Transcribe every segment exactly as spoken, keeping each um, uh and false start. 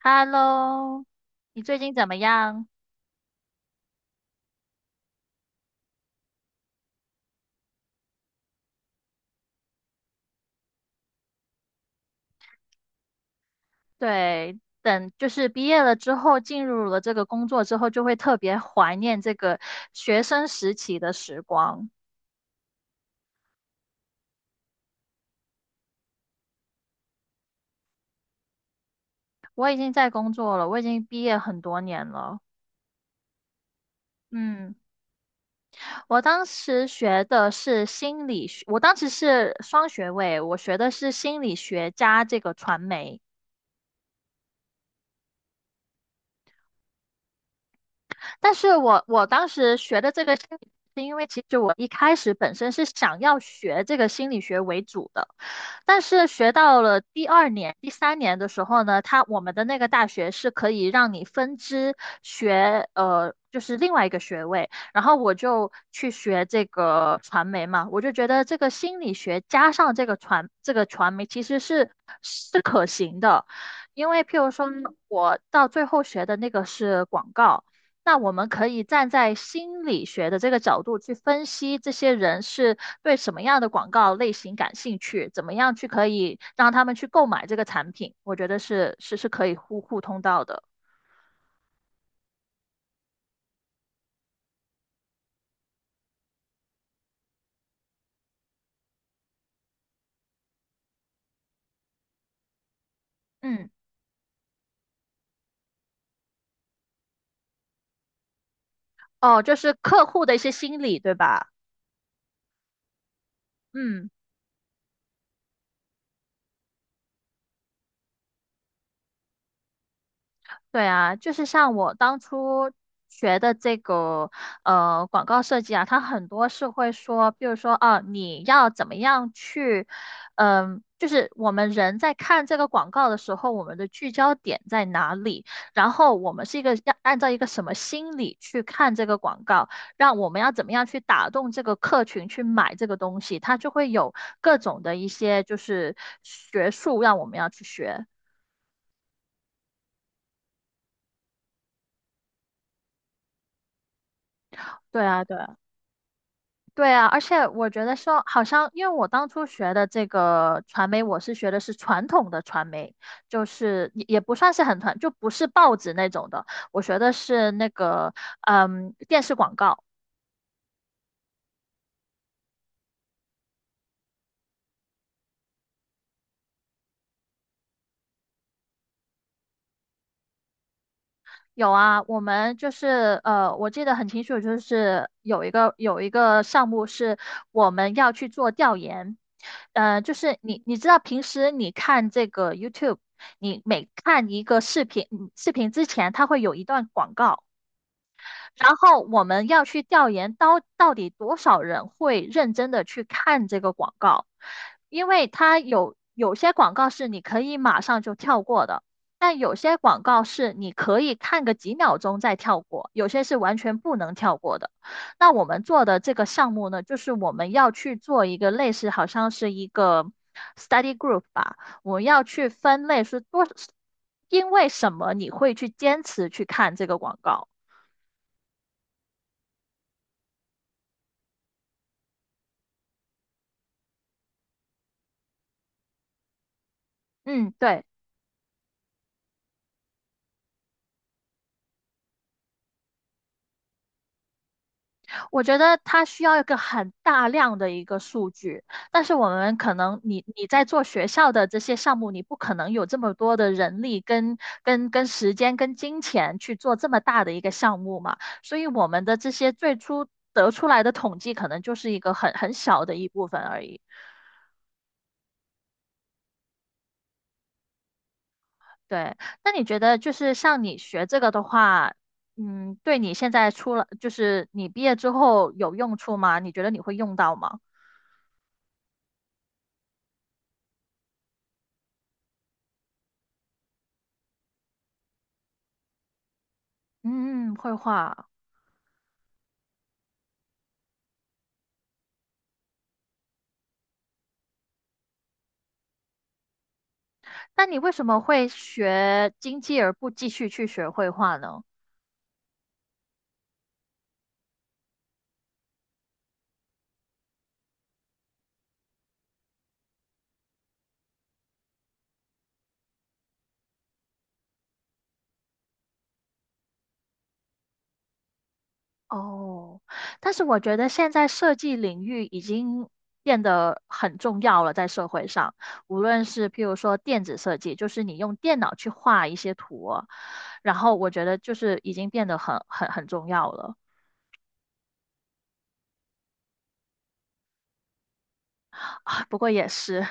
Hello，你最近怎么样？对，等就是毕业了之后，进入了这个工作之后，就会特别怀念这个学生时期的时光。我已经在工作了，我已经毕业很多年了。嗯，我当时学的是心理学，我当时是双学位，我学的是心理学加这个传媒。但是我我当时学的这个心理学，是因为其实我一开始本身是想要学这个心理学为主的，但是学到了第二年、第三年的时候呢，他我们的那个大学是可以让你分支学呃。就是另外一个学位，然后我就去学这个传媒嘛，我就觉得这个心理学加上这个传这个传媒其实是是可行的，因为譬如说我到最后学的那个是广告，那我们可以站在心理学的这个角度去分析这些人是对什么样的广告类型感兴趣，怎么样去可以让他们去购买这个产品，我觉得是是是可以互互通到的。嗯，哦，就是客户的一些心理，对吧？嗯。对啊，就是像我当初学的这个呃广告设计啊，它很多是会说，比如说啊，你要怎么样去，嗯、就是我们人在看这个广告的时候，我们的聚焦点在哪里，然后我们是一个要按照一个什么心理去看这个广告，让我们要怎么样去打动这个客群去买这个东西，它就会有各种的一些就是学术让我们要去学。对啊，对啊对啊，而且我觉得说，好像因为我当初学的这个传媒，我是学的是传统的传媒，就是也也不算是很传，就不是报纸那种的。我学的是那个，嗯，电视广告。有啊，我们就是呃，我记得很清楚，就是有一个有一个项目是我们要去做调研，呃，就是你你知道平时你看这个 YouTube,你每看一个视频，嗯视频之前它会有一段广告。然后我们要去调研到到底多少人会认真的去看这个广告，因为它有有些广告是你可以马上就跳过的，但有些广告是你可以看个几秒钟再跳过，有些是完全不能跳过的。那我们做的这个项目呢，就是我们要去做一个类似，好像是一个 study group 吧，我们要去分类是多，因为什么你会去坚持去看这个广告。嗯，对。我觉得它需要一个很大量的一个数据，但是我们可能你你在做学校的这些项目，你不可能有这么多的人力跟跟跟时间跟金钱去做这么大的一个项目嘛，所以我们的这些最初得出来的统计可能就是一个很很小的一部分而已。对，那你觉得就是像你学这个的话，嗯，对你现在出了，就是你毕业之后有用处吗？你觉得你会用到吗？嗯，绘画。那你为什么会学经济而不继续去学绘画呢？哦，但是我觉得现在设计领域已经变得很重要了，在社会上，无论是譬如说电子设计，就是你用电脑去画一些图哦然后我觉得就是已经变得很很很重要了。啊不过也是。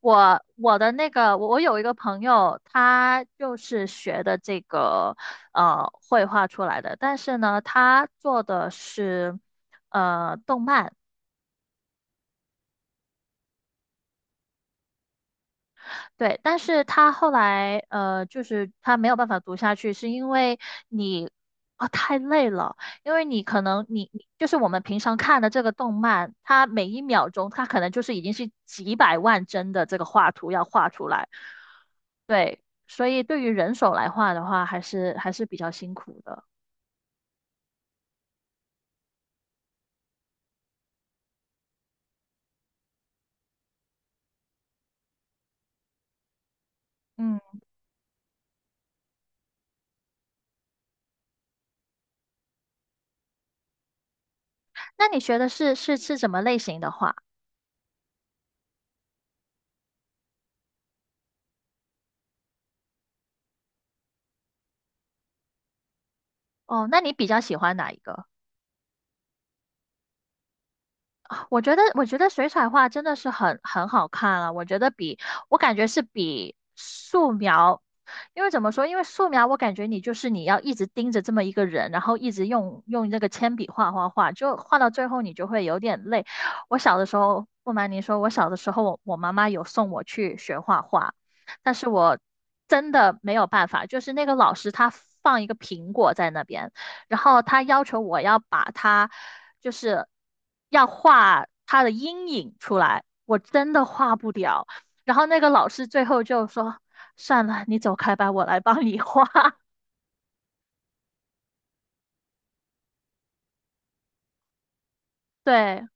我我的那个，我我有一个朋友，他就是学的这个呃绘画出来的，但是呢，他做的是呃动漫，对，但是他后来呃，就是他没有办法读下去，是因为你啊、太累了，因为你可能你你就是我们平常看的这个动漫，它每一秒钟它可能就是已经是几百万帧的这个画图要画出来，对，所以对于人手来画的话，还是还是比较辛苦的。嗯，那你学的是是是什么类型的画？哦，那你比较喜欢哪一个？我觉得，我觉得水彩画真的是很很好看了、我觉得比我感觉是比素描，因为怎么说？因为素描我感觉你就是你要一直盯着这么一个人，然后一直用用这个铅笔画画画，就画到最后你就会有点累。我小的时候，不瞒您说，我小的时候我妈妈有送我去学画画，但是我真的没有办法，就是那个老师他放一个苹果在那边。然后他要求我要把他，就是要画他的阴影出来，我真的画不了。然后那个老师最后就说："算了，你走开吧，我来帮你画。对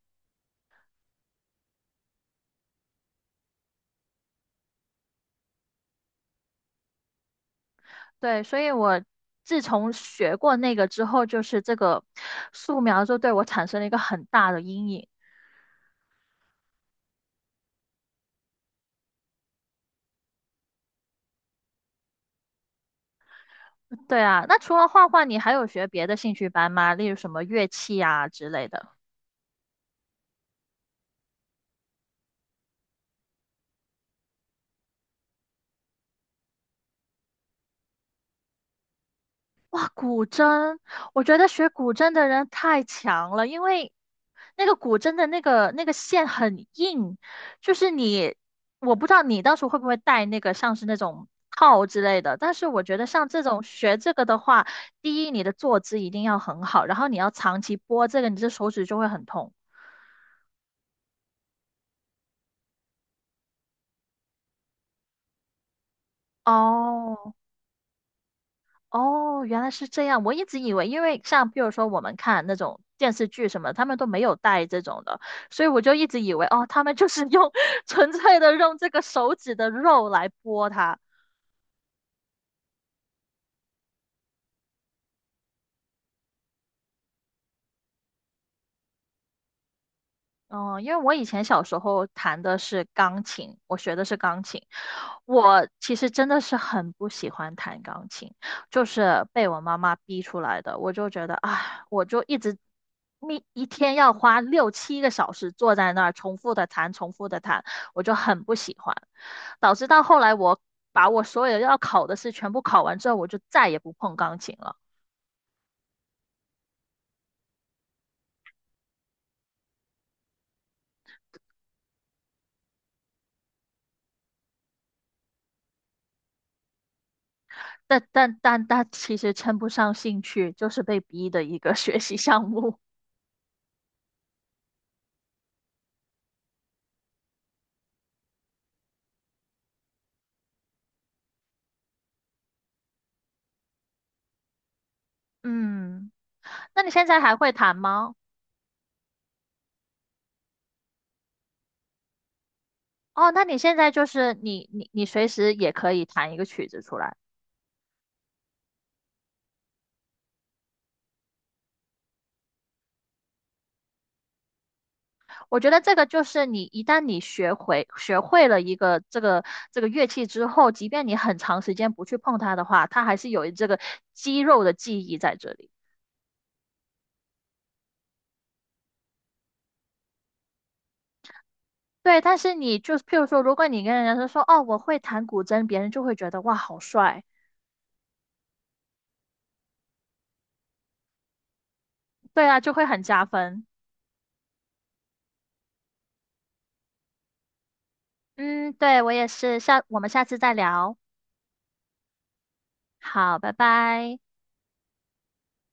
对，所以我自从学过那个之后，就是这个素描就对我产生了一个很大的阴影。对啊，那除了画画，你还有学别的兴趣班吗？例如什么乐器啊之类的？古筝，我觉得学古筝的人太强了，因为那个古筝的那个那个线很硬，就是你，我不知道你到时候会不会带那个像是那种套之类的，但是我觉得像这种学这个的话，第一你的坐姿一定要很好，然后你要长期拨这个，你的手指就会很痛。哦，哦，原来是这样。我一直以为，因为像比如说我们看那种电视剧什么，他们都没有带这种的，所以我就一直以为，哦，他们就是用 纯粹的用这个手指的肉来剥它。嗯，因为我以前小时候弹的是钢琴，我学的是钢琴。我其实真的是很不喜欢弹钢琴，就是被我妈妈逼出来的。我就觉得，啊，我就一直一一天要花六七个小时坐在那儿重复的弹，重复的弹，我就很不喜欢。导致到后来，我把我所有要考的试全部考完之后，我就再也不碰钢琴了。但但但但其实称不上兴趣，就是被逼的一个 学习项目。嗯，那你现在还会弹吗？哦，那你现在就是你你你随时也可以弹一个曲子出来。我觉得这个就是你一旦你学会学会了一个这个这个乐器之后，即便你很长时间不去碰它的话，它还是有这个肌肉的记忆在这里。对，但是你就是，譬如说，如果你跟人家说说哦我会弹古筝，别人就会觉得哇好帅，对啊，就会很加分。嗯，对，我也是，下我们下次再聊。好，拜拜。